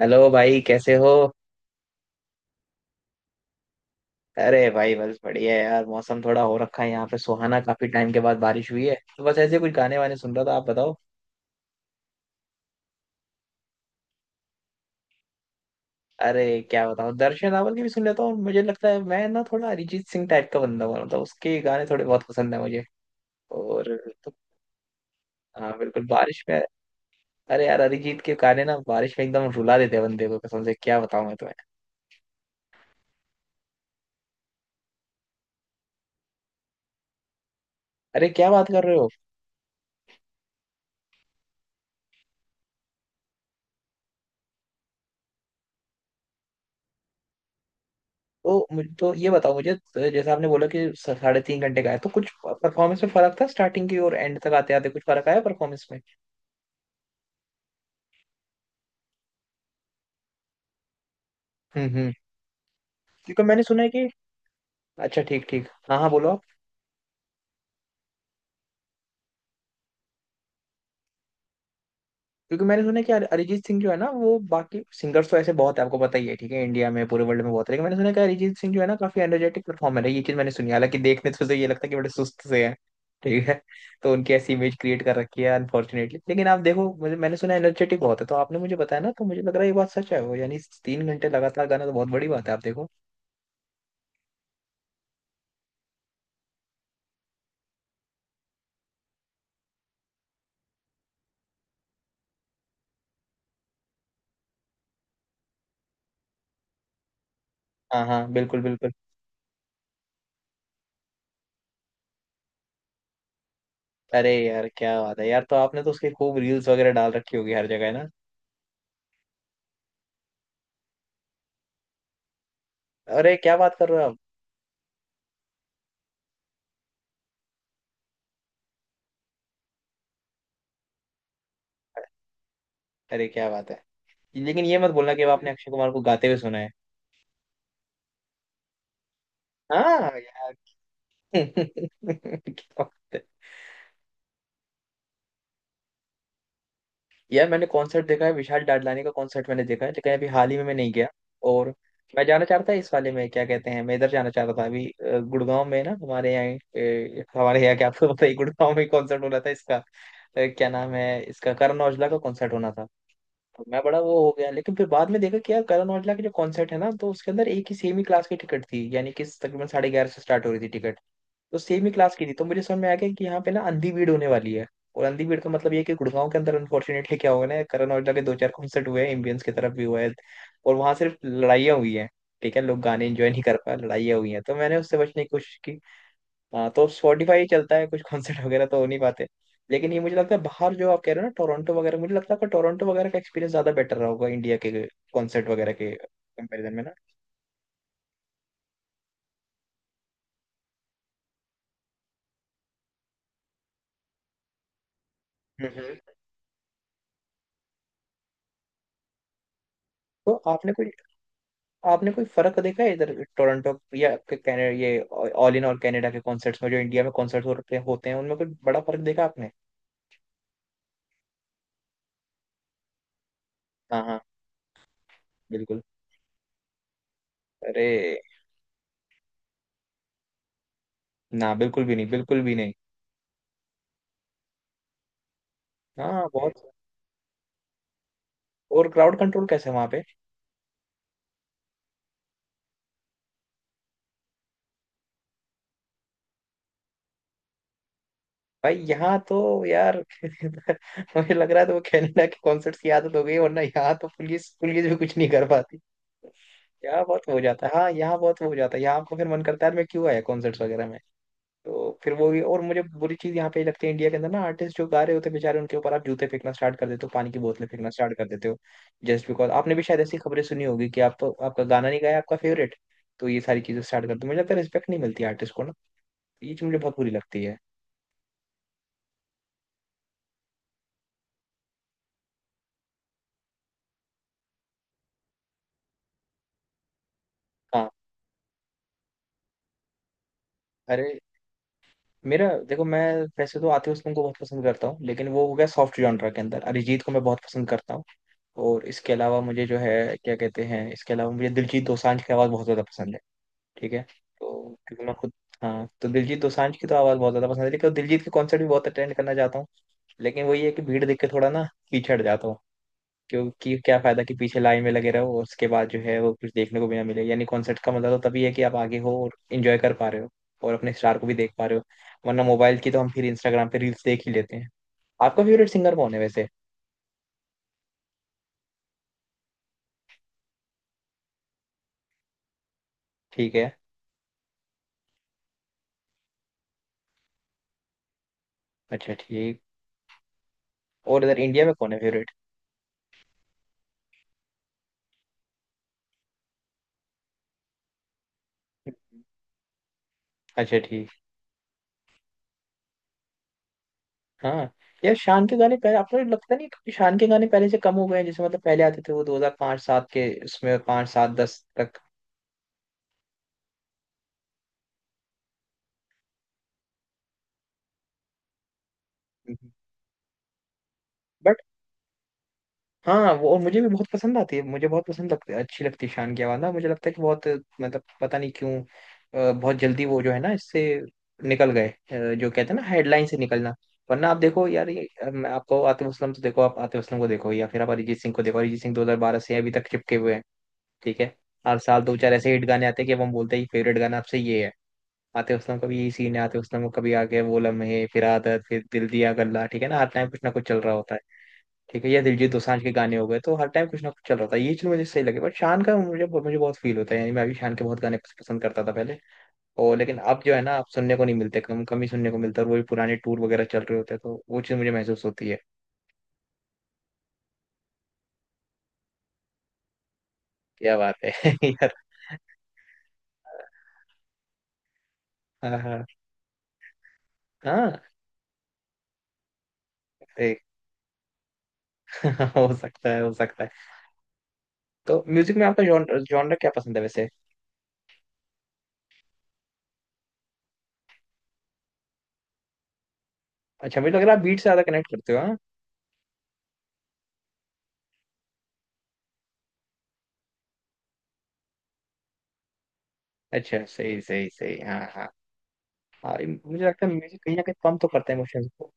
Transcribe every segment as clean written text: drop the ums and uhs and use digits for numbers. Hello भाई, कैसे हो। अरे भाई, बस बढ़िया है यार। मौसम थोड़ा हो रखा है यहाँ पे सुहाना, काफी टाइम के बाद बारिश हुई है, तो बस ऐसे कुछ गाने वाने सुन रहा था। आप बताओ। अरे क्या बताऊँ, दर्शन रावल के भी सुन लेता हूँ, और मुझे लगता है मैं ना थोड़ा अरिजीत सिंह टाइप का बंदा हूँ। मतलब उसके गाने थोड़े बहुत पसंद है मुझे। और तो हाँ बिल्कुल, बारिश में, अरे यार, अरिजीत के गाने ना बारिश में एकदम रुला देते हैं बंदे को, कसम से। क्या बताऊँ मैं तुम्हें। अरे क्या बात कर रहे हो। तो मुझे तो ये बताओ, मुझे तो जैसे आपने बोला कि 3.5 घंटे का है, तो कुछ परफॉर्मेंस में फर्क था? स्टार्टिंग की और एंड तक आते आते कुछ फर्क आया परफॉर्मेंस में? हम्म हम्म क्योंकि मैंने सुना है कि, अच्छा ठीक ठीक, हाँ हाँ बोलो। क्योंकि मैंने सुना है कि अरिजीत सिंह जो है ना, वो बाकी सिंगर्स तो ऐसे बहुत है, आपको पता ही है, ठीक है, इंडिया में, पूरे वर्ल्ड में बहुत है। लेकिन मैंने सुना है कि अरिजीत सिंह जो है ना, काफी एनर्जेटिक परफॉर्मर है, ये चीज मैंने सुनी है। हालांकि देखने तो से तो ये लगता है कि बड़े सुस्त से है। ठीक है तो उनकी ऐसी इमेज क्रिएट कर रखी है अनफॉर्चुनेटली। लेकिन आप देखो, मुझे, मैंने सुना एनर्जेटिक बहुत है, तो आपने मुझे बताया ना तो मुझे लग रहा है ये बात सच है वो, यानी 3 घंटे लगातार गाना तो बहुत बड़ी बात है, आप देखो। हाँ हाँ, बिल्कुल बिल्कुल। अरे यार क्या बात है यार। तो आपने तो उसके खूब रील्स वगैरह डाल रखी होगी हर जगह, है ना। अरे क्या बात कर रहे हो आप। अरे क्या बात है। लेकिन ये मत बोलना कि अब आपने अक्षय कुमार को गाते हुए सुना है। हाँ। यार क्या बात है। यार मैंने कॉन्सर्ट देखा है, विशाल डडलानी का कॉन्सर्ट मैंने देखा है, लेकिन अभी हाल ही में मैं नहीं गया। और मैं जाना चाहता था इस वाले में, क्या कहते हैं, मैं इधर जाना चाहता था अभी, गुड़गांव में ना हमारे यहाँ, हमारे यहाँ, क्या आपको पता है गुड़गांव में कॉन्सर्ट हो रहा था इसका, क्या नाम है इसका, करण औजला का कॉन्सर्ट होना था। तो मैं बड़ा वो हो गया, लेकिन फिर बाद में देखा कि यार करण औजला के जो कॉन्सर्ट है ना, तो उसके अंदर एक ही सेम ही क्लास की टिकट थी, यानी कि तकरीबन साढ़े ग्यारह से स्टार्ट हो रही थी टिकट। तो सेम ही क्लास की थी, तो मुझे समझ में आ गया कि यहाँ पे ना अंधी भीड़ होने वाली है। और अंधी भीड़ का मतलब ये है कि गुड़गांव के अंदर अनफॉर्चुनेटली क्या हुआ ना, करण औजला के दो चार कॉन्सर्ट हुए हैं, एम्बियंस की तरफ भी हुआ है, और वहां सिर्फ लड़ाइयाँ हुई हैं। ठीक है, लोग गाने एंजॉय नहीं कर पाए, लड़ाइयाँ हुई हैं, तो मैंने उससे बचने की कोशिश की। हाँ, तो स्पॉटिफाई चलता है, कुछ कॉन्सर्ट वगैरह तो हो नहीं पाते। लेकिन ये मुझे लगता है बाहर जो आप कह रहे हो ना, टोरंटो वगैरह, मुझे लगता है आपका टोरंटो वगैरह का एक्सपीरियंस ज्यादा बेटर रहा होगा इंडिया के कॉन्सर्ट वगैरह के कंपेरिजन में ना। हम्म हम्म। तो आपने कुछ, आपने कोई फर्क देखा है इधर टोरंटो या आपके कैनेडा ये ऑल इन और कनाडा के कॉन्सर्ट्स में जो इंडिया में कॉन्सर्ट्स होते होते हैं, उनमें कोई बड़ा फर्क देखा आपने। हाँ हाँ, बिल्कुल। अरे ना, बिल्कुल भी नहीं, बिल्कुल भी नहीं। हाँ बहुत। और क्राउड कंट्रोल कैसे है वहां पे। भाई यहाँ तो, यार मुझे लग रहा है तो वो कनाडा के कॉन्सर्ट्स की आदत हो गई, वरना यहाँ तो पुलिस पुलिस भी कुछ नहीं कर पाती। यहाँ बहुत हो जाता है, हाँ यहाँ बहुत हो जाता है, यहाँ आपको फिर मन करता है यार मैं क्यों आया कॉन्सर्ट्स वगैरह में। तो फिर वो भी, और मुझे बुरी चीज यहाँ पे लगती है इंडिया के अंदर ना, आर्टिस्ट जो गा रहे होते हैं बेचारे, उनके ऊपर आप जूते फेंकना स्टार्ट कर देते हो, पानी की बोतलें फेंकना स्टार्ट कर देते हो, जस्ट बिकॉज, आपने भी शायद ऐसी खबरें सुनी होगी कि आप, आपका गाना नहीं गाया आपका फेवरेट। तो ये सारी चीजें स्टार्ट कर दो, मुझे लगता है रिस्पेक्ट नहीं मिलती आर्टिस्ट को ना। ये चीज मुझे बहुत बुरी लगती है। हाँ। अरे मेरा देखो, मैं वैसे तो आतिफ असलम को बहुत पसंद करता हूँ, लेकिन वो हो गया सॉफ्ट जॉनरा के अंदर, अरिजीत को मैं बहुत पसंद करता हूँ। और इसके अलावा मुझे जो है, क्या कहते हैं, इसके अलावा मुझे दिलजीत दोसांझ की आवाज़ बहुत ज़्यादा पसंद है। ठीक है। तो क्योंकि मैं खुद, हाँ तो दिलजीत दोसांझ की तो आवाज़ बहुत ज़्यादा पसंद है, लेकिन दिलजीत के कॉन्सर्ट भी बहुत अटेंड करना चाहता हूँ। लेकिन वही है कि भीड़ देख के थोड़ा ना पीछे हट जाता हूँ। क्योंकि क्या फ़ायदा कि पीछे लाइन में लगे रहो और उसके बाद जो है वो कुछ देखने को भी ना मिले। यानी कॉन्सर्ट का मतलब तो तभी है कि आप आगे हो और इन्जॉय कर पा रहे हो, और अपने स्टार को भी देख पा रहे हो। वरना मोबाइल की तो हम फिर इंस्टाग्राम पे रील्स देख ही लेते हैं। आपका फेवरेट सिंगर कौन है वैसे। ठीक है। अच्छा ठीक। और इधर इंडिया में कौन है फेवरेट। अच्छा ठीक। हाँ यार शान के गाने पहले, आपको लगता नहीं कि शान के गाने पहले से कम हो गए हैं। जैसे मतलब पहले आते थे वो 2005 सात के, उसमें 5 सात 10 तक। हम्म। बट हाँ वो, और मुझे भी बहुत पसंद आती है, मुझे बहुत पसंद लगती है, अच्छी लगती है शान की आवाज़ ना। मुझे लगता है कि बहुत, मतलब पता नहीं क्यों, बहुत जल्दी वो जो है ना इससे निकल गए, जो कहते हैं ना हेडलाइन से निकलना। वरना आप देखो यार ये, आपको आतिफ असलम तो देखो, आप आतिफ असलम को देखो या फिर आप अरिजीत सिंह को देखो, अरिजीत सिंह 2012 से अभी तक चिपके हुए हैं। ठीक है। हर साल दो चार ऐसे हिट गाने आते हैं कि अब हम बोलते हैं फेवरेट गाना आपसे ये है। आतिफ असलम का भी यही सीन है, आतिफ असलम को कभी आके वो लम्हे, फिर आदत, फिर दिल दिया गल्ला, ठीक है ना, हर टाइम कुछ ना कुछ चल रहा होता है। ठीक है। या दिलजीत दोसांझ के गाने हो गए, तो हर टाइम कुछ ना कुछ चल रहा होता है, ये चीज मुझे सही लगे। बट शान का मुझे, बहुत फील होता है। यानी मैं भी शान के बहुत गाने पसंद करता था पहले। और लेकिन अब जो है ना, अब सुनने को नहीं मिलते, कम कम ही सुनने को मिलता है, और वो भी पुराने टूर वगैरह चल रहे होते हैं, तो वो चीज मुझे महसूस होती है। क्या बात है यार। हाँ हाँ हाँ, एक हो सकता है, हो सकता है। तो म्यूजिक में आपका जॉनर क्या पसंद है वैसे। अच्छा मुझे लग रहा है आप बीट से ज्यादा कनेक्ट करते हो, हाँ। अच्छा सही सही सही, हाँ हाँ। हाँ ये मुझे लगता है म्यूजिक कहीं ना कहीं पंप तो करता है इमोशंस को।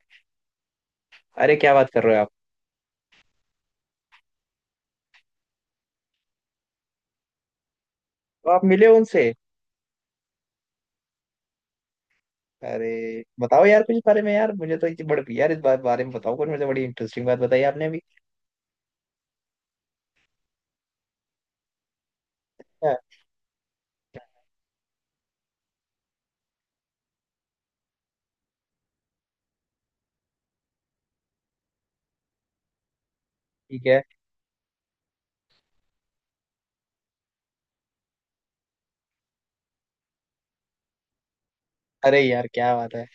अरे क्या बात कर रहे हो आप। तो आप मिले हो उनसे। अरे बताओ यार कुछ इस बारे में, यार मुझे तो इतनी बड़ी, यार इस बारे में बताओ कुछ, मुझे बड़ी इंटरेस्टिंग बात बताई आपने अभी। हाँ, ठीक है। अरे यार क्या बात है।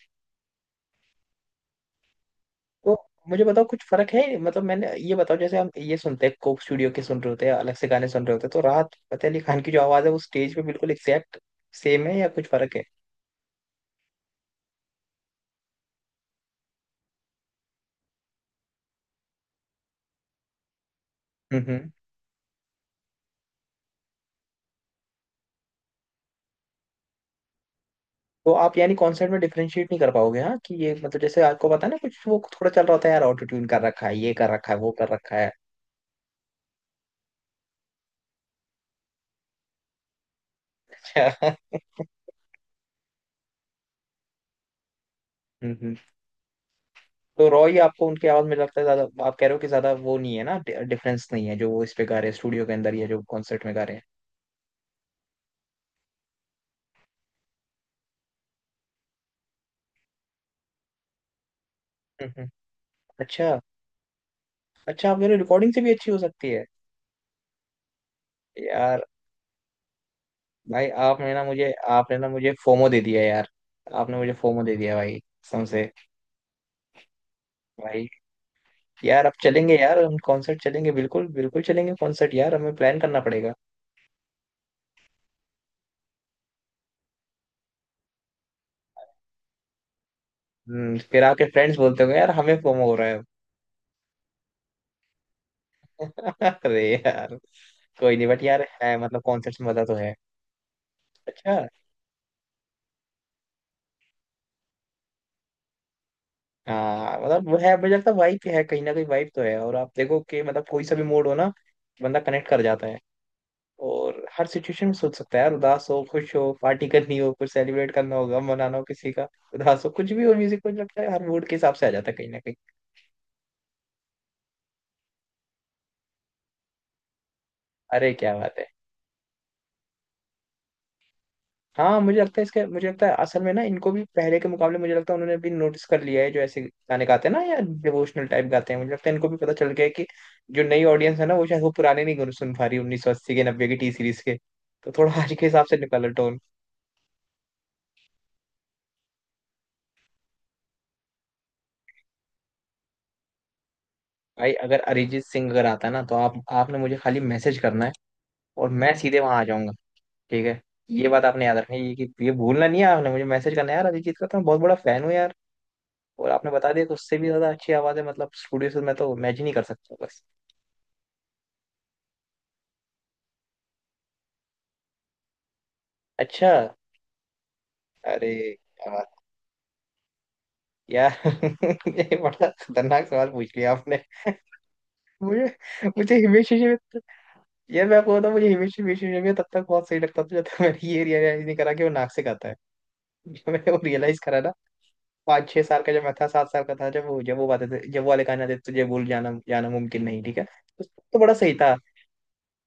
तो मुझे बताओ कुछ फर्क है, मतलब मैंने ये बताओ, जैसे हम ये सुनते हैं कोक स्टूडियो के सुन रहे होते हैं, अलग से गाने सुन रहे होते हैं, तो राहत फतेह अली खान की जो आवाज है वो स्टेज पे बिल्कुल एग्जैक्ट सेम है या कुछ फर्क है। हम्म हम्म। तो आप यानी कॉन्सर्ट में डिफरेंशिएट नहीं कर पाओगे, हाँ, कि ये मतलब, जैसे आपको पता है ना कुछ वो थोड़ा चल रहा होता है यार, ऑटो ट्यून कर रखा है, ये कर रखा है, वो कर रखा है। अच्छा। हम्म हम्म। तो रॉय, आपको उनकी आवाज में लगता है ज्यादा, आप कह रहे हो कि ज्यादा वो नहीं है ना, डिफरेंस नहीं है जो वो इस पे गा रहे हैं स्टूडियो के अंदर या जो कॉन्सर्ट में गा रहे हैं। हम्म हम्म। अच्छा। अच्छा आप कह रहे हो रिकॉर्डिंग से भी अच्छी हो सकती है। यार, भाई आपने ना मुझे, आपने ना मुझे फोमो दे दिया यार। आपने मुझे फोमो दे दिया भाई, कसम से। भाई, यार अब चलेंगे यार, हम कॉन्सर्ट चलेंगे, बिल्कुल बिल्कुल चलेंगे कॉन्सर्ट यार, हमें प्लान करना पड़ेगा। हम्म, फिर आपके फ्रेंड्स बोलते होंगे यार हमें फोमो हो रहा है। अरे यार। कोई नहीं, बट यार है, मतलब कॉन्सर्ट में मजा तो है। अच्छा। हाँ मतलब वो है, मुझे लगता है वाइब है कहीं ना कहीं, वाइब तो है। और आप देखो कि मतलब कोई सा भी मूड हो ना, बंदा कनेक्ट कर जाता है। और हर सिचुएशन में सोच सकता है यार, उदास हो, खुश हो, पार्टी करनी हो, कुछ सेलिब्रेट करना हो, गम मनाना हो किसी का, उदास हो, कुछ भी हो, म्यूजिक मुझे लगता है हर मूड के हिसाब से आ जाता है कहीं ना कहीं। अरे क्या बात है। हाँ मुझे लगता है इसके, मुझे लगता है असल में ना, इनको भी पहले के मुकाबले मुझे लगता है उन्होंने भी नोटिस कर लिया है, जो ऐसे गाने गाते हैं ना, या डिवोशनल टाइप गाते हैं, मुझे लगता है इनको भी पता चल गया है कि जो नई ऑडियंस है ना, वो शायद वो पुराने नहीं सुन पा रही, 1980 के, 90 के, टी सीरीज के। तो थोड़ा आज के हिसाब से निकालो टोन। भाई अगर अरिजीत सिंह अगर आता है ना, तो आप, आपने मुझे खाली मैसेज करना है और मैं सीधे वहां आ जाऊंगा। ठीक है। ये बात आपने याद रखनी है, ये कि ये भूलना नहीं है, आपने मुझे मैसेज करना है यार, अरिजीत का तो मैं बहुत बड़ा फैन हूँ यार। और आपने बता दिया कि उससे भी ज्यादा अच्छी आवाज है मतलब स्टूडियो से, मैं तो इमेजिन ही कर सकता हूँ। अच्छा। अरे यार। यार ये बड़ा खतरनाक सवाल पूछ लिया आपने। मुझे मुझे हिमेश रेशमिया, यार मैं आपको बताऊं, मुझे हिमेश हिमेश रेशमिया तब तक बहुत सही लगता था जब तक मैंने ये रियलाइज नहीं करा कि वो नाक से गाता है। जब मैंने वो रियलाइज करा ना, 5-6 साल का जब मैं था, 7 साल का था जब वो, जब वो गाते थे, जब वो वाले गाने आते थे, तुझे भूल जाना जाना मुमकिन नहीं, ठीक है तो बड़ा सही था।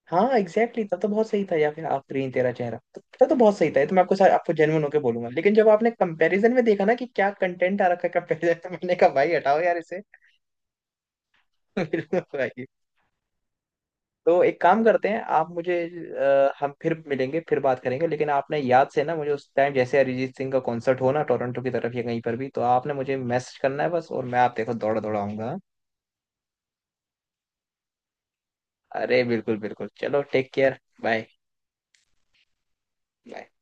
हाँ एग्जैक्टली exactly, तब तो बहुत सही था, या फिर आफरीन तेरा चेहरा, तो तब तो बहुत सही था, ये तो मैं आपको सारे आपको जेन्युइन होकर बोलूंगा। लेकिन जब आपने कंपैरिजन में देखा ना कि क्या कंटेंट आ रखा है कंपैरिजन, तो मैंने कहा भाई हटाओ यार इसे। बिल्कुल भाई। तो एक काम करते हैं, आप मुझे, हम फिर मिलेंगे, फिर बात करेंगे, लेकिन आपने याद से ना मुझे, उस टाइम जैसे अरिजीत सिंह का कॉन्सर्ट हो ना टोरंटो की तरफ या कहीं पर भी, तो आपने मुझे मैसेज करना है बस, और मैं, आप देखो, दौड़ा दौड़ा आऊंगा। अरे बिल्कुल बिल्कुल, चलो टेक केयर। बाय।